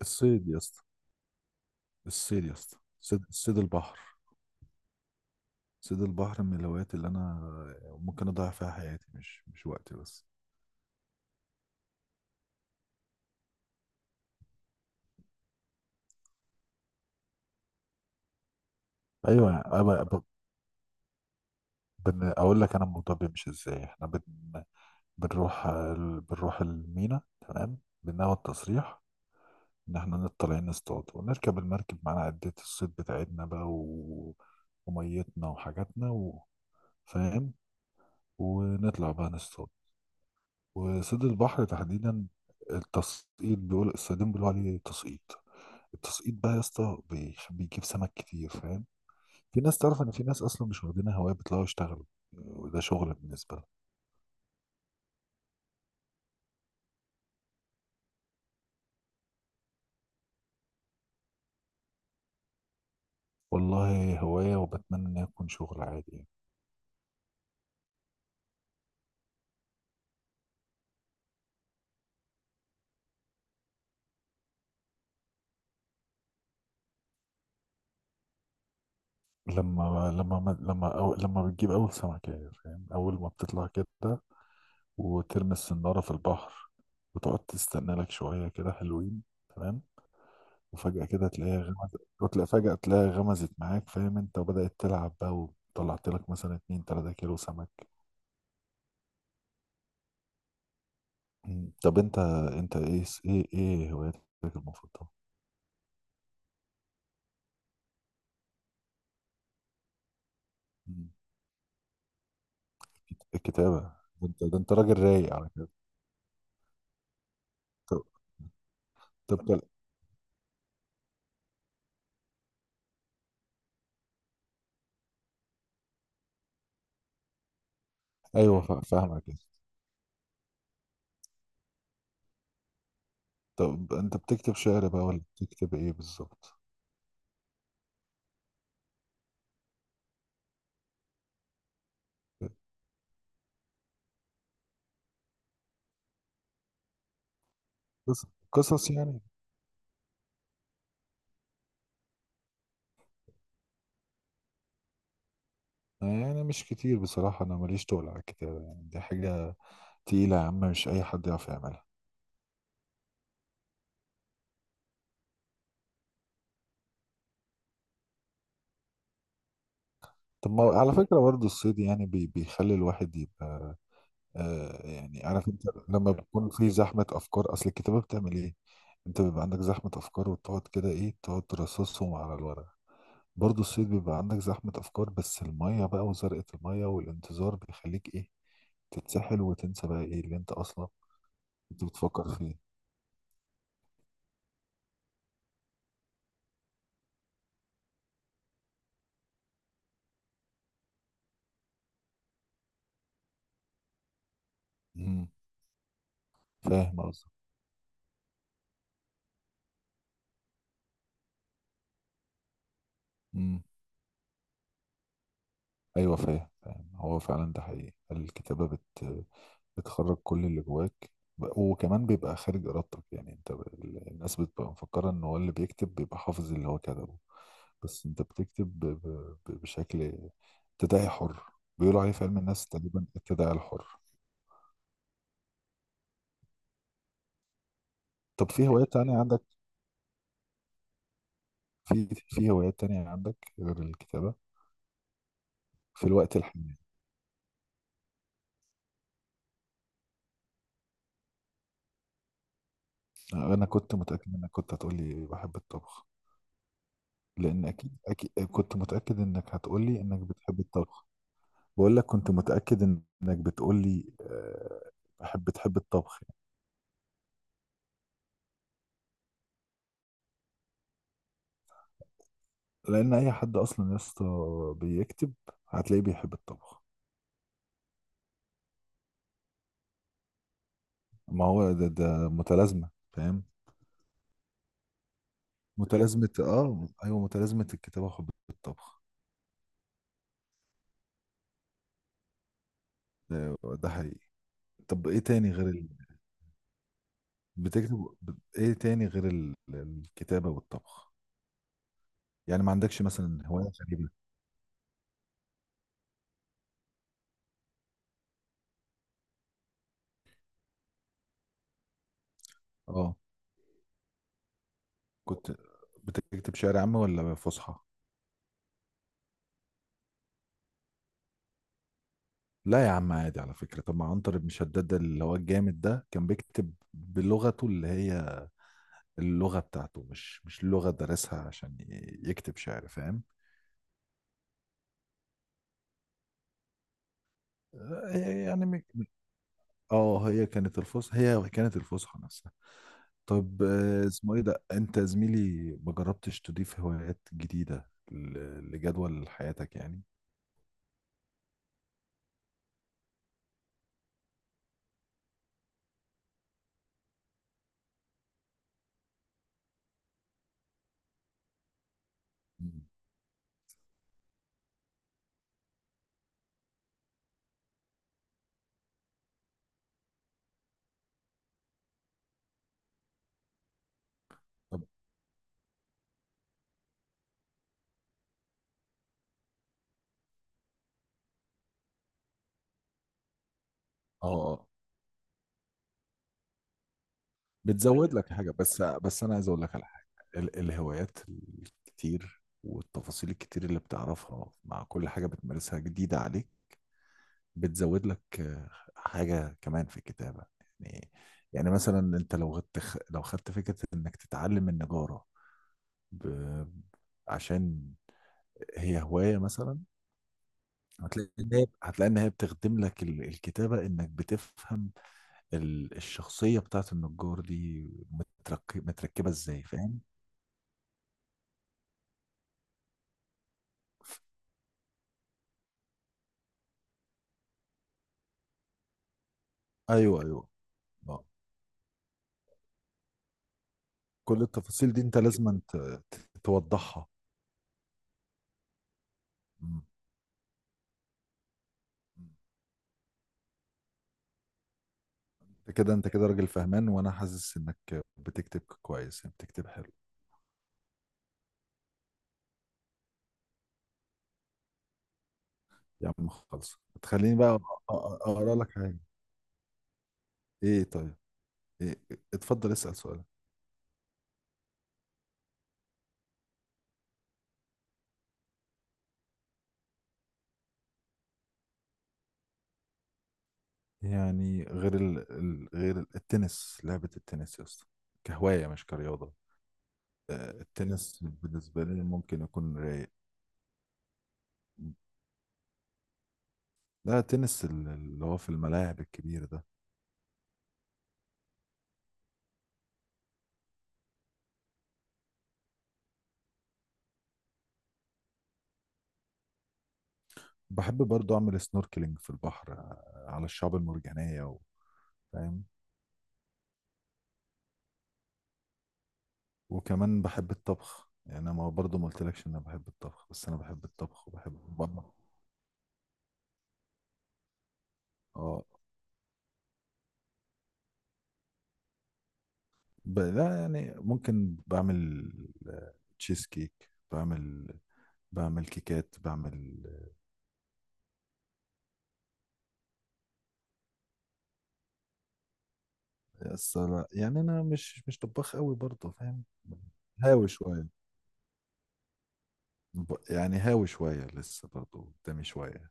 الصيد يا اسطى الصيد يا اسطى. صيد البحر. صيد البحر من الهوايات اللي انا ممكن اضيع فيها حياتي، مش وقتي بس. ايوه يعني، اقول لك انا الموضوع بيمشي ازاي. احنا بنروح المينا. تمام. بناخد تصريح ان احنا طالعين نصطاد ونركب المركب، معانا عدة الصيد بتاعتنا بقى وميتنا وحاجاتنا، فاهم. ونطلع بقى نصطاد. وصيد البحر تحديدا، التسقيط، الصيادين بيقولوا عليه تسقيط. التسقيط بقى يا اسطى بيجيب سمك كتير، فاهم. في ناس تعرف ان في ناس اصلا مش واخدينها هوايه، بيطلعوا يشتغلوا، وده شغل بالنسبه لهم. والله هوايه، وبتمنى ان يكون شغل عادي يعني. لما بتجيب اول سمكه يعني، فاهم. اول ما بتطلع كده وترمي السناره في البحر وتقعد تستنى لك شويه كده حلوين، تمام. وفجأة كده تلاقيها غمزت، وتلاقي فجأة تلاقيها غمزت معاك، فاهم، انت وبدأت تلعب بقى وطلعت لك مثلا 2-3 كيلو سمك. مم. طب انت ايه هواياتك المفضلة؟ مم. الكتابة؟ ده انت راجل رايق على كده. طب طب ايوه، فاهمك كده. طب انت بتكتب شعر بقى ولا بتكتب ايه بالظبط؟ قصص، قصص يعني. يعني مش كتير بصراحة، أنا ماليش تقل على الكتابة، يعني دي حاجة تقيلة يا عم، مش أي حد يعرف يعملها. طب ما على فكرة برضو الصيد يعني بيخلي الواحد يبقى. يعني، عارف انت، لما بيكون في زحمة أفكار، أصل الكتابة بتعمل إيه؟ أنت بيبقى عندك زحمة أفكار وتقعد كده، إيه، تقعد ترصصهم على الورق. برضو الصيد بيبقى عندك زحمة أفكار، بس المية بقى وزرقة المية والانتظار بيخليك، إيه، تتسحل وتنسى بقى إيه اللي أنت أصلا كنت بتفكر فيه. امم. فاهم قصدك. امم. أيوه، فاهم، فاهم. هو فعلا ده حقيقي، الكتابة بتخرج كل اللي جواك. وكمان بيبقى خارج ارادتك يعني، الناس بتبقى مفكره ان هو اللي بيكتب بيبقى حافظ اللي هو كتبه. بس انت بتكتب بشكل تداعي حر، بيقولوا عليه في علم النفس تقريبا التداعي الحر. طب في هوايات تانية عندك؟ في هوايات تانية عندك غير الكتابة في الوقت الحالي؟ انا كنت متأكد انك كنت هتقولي بحب الطبخ. لان اكيد، اكيد كنت متأكد انك هتقولي انك بتحب الطبخ. بقول لك كنت متأكد انك بتقول لي، بتحب الطبخ يعني. لان اي حد اصلا يا اسطى بيكتب هتلاقيه بيحب الطبخ. ما هو ده متلازمة، فاهم. متلازمة، اه ايوه، متلازمة الكتابة وحب الطبخ. ده حقيقي. طب ايه تاني غير ال...؟ ايه تاني غير الكتابة والطبخ؟ يعني ما عندكش مثلا هواية غريبة؟ اه، كنت بتكتب شعر عام ولا فصحى؟ لا يا عم عادي على فكرة، طب ما عنتر بن شداد اللي هو الجامد ده كان بيكتب بلغته اللي هي اللغة بتاعته، مش لغة درسها عشان يكتب شعر، فاهم. يعني اه، هي كانت الفصحى، هي كانت الفصحى نفسها. طب اسمه ايه ده انت زميلي، ما جربتش تضيف هوايات جديدة لجدول حياتك يعني؟ مم. طب، اه، آه. بتزود لك حاجه، بس انا عايز اقول لك على حاجه. الهوايات الكتير والتفاصيل الكتير اللي بتعرفها مع كل حاجه بتمارسها جديده عليك بتزود لك حاجه كمان في الكتابه يعني. يعني مثلا انت لو خدت فكره انك تتعلم النجاره ب... عشان هي هوايه مثلا، هتلاقي ان هي بتخدم لك الكتابه، انك بتفهم الشخصيه بتاعت النجار دي متركبه ازاي، فاهم. ايوه، ايوه. آه. كل التفاصيل دي انت لازم توضحها. مم. انت كده، انت كده راجل فهمان، وانا حاسس انك بتكتب كويس يعني، بتكتب حلو. يا عم خلص تخليني بقى، اقرا لك حاجه. ايه طيب. إيه؟ اتفضل اسال سؤال. يعني غير ال... ال- غير ال- التنس، لعبه التنس يا اسطى، كهوايه مش كرياضه. التنس بالنسبه لي ممكن يكون رايق. لا، تنس اللي هو في الملاعب الكبير ده. بحب برضو أعمل سنوركلينج في البحر على الشعاب المرجانية فاهم. وكمان بحب الطبخ يعني، أنا ما برضو ما قلتلكش إن أنا بحب الطبخ، بس أنا بحب الطبخ وبحب بعمل. اه، لا يعني ممكن بعمل تشيز كيك، بعمل كيكات، بعمل. بس لا يعني أنا مش طباخ قوي برضو، فاهم. هاوي شوية. يعني هاوي شوية لسه، برضو قدامي شوية.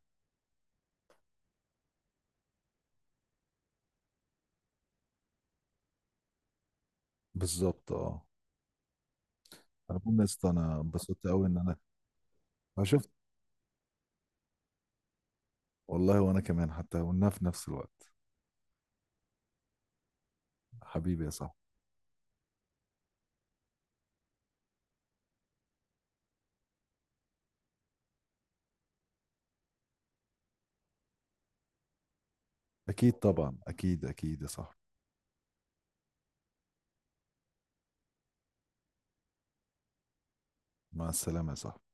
بالظبط اه. انا بقول لسه انا انبسطت قوي ان انا. أنا شفت. والله وانا كمان حتى قلناها في نفس الوقت. حبيبي يا صاحبي. اكيد طبعا، اكيد اكيد يا صاحبي. مع السلامة يا صاحبي.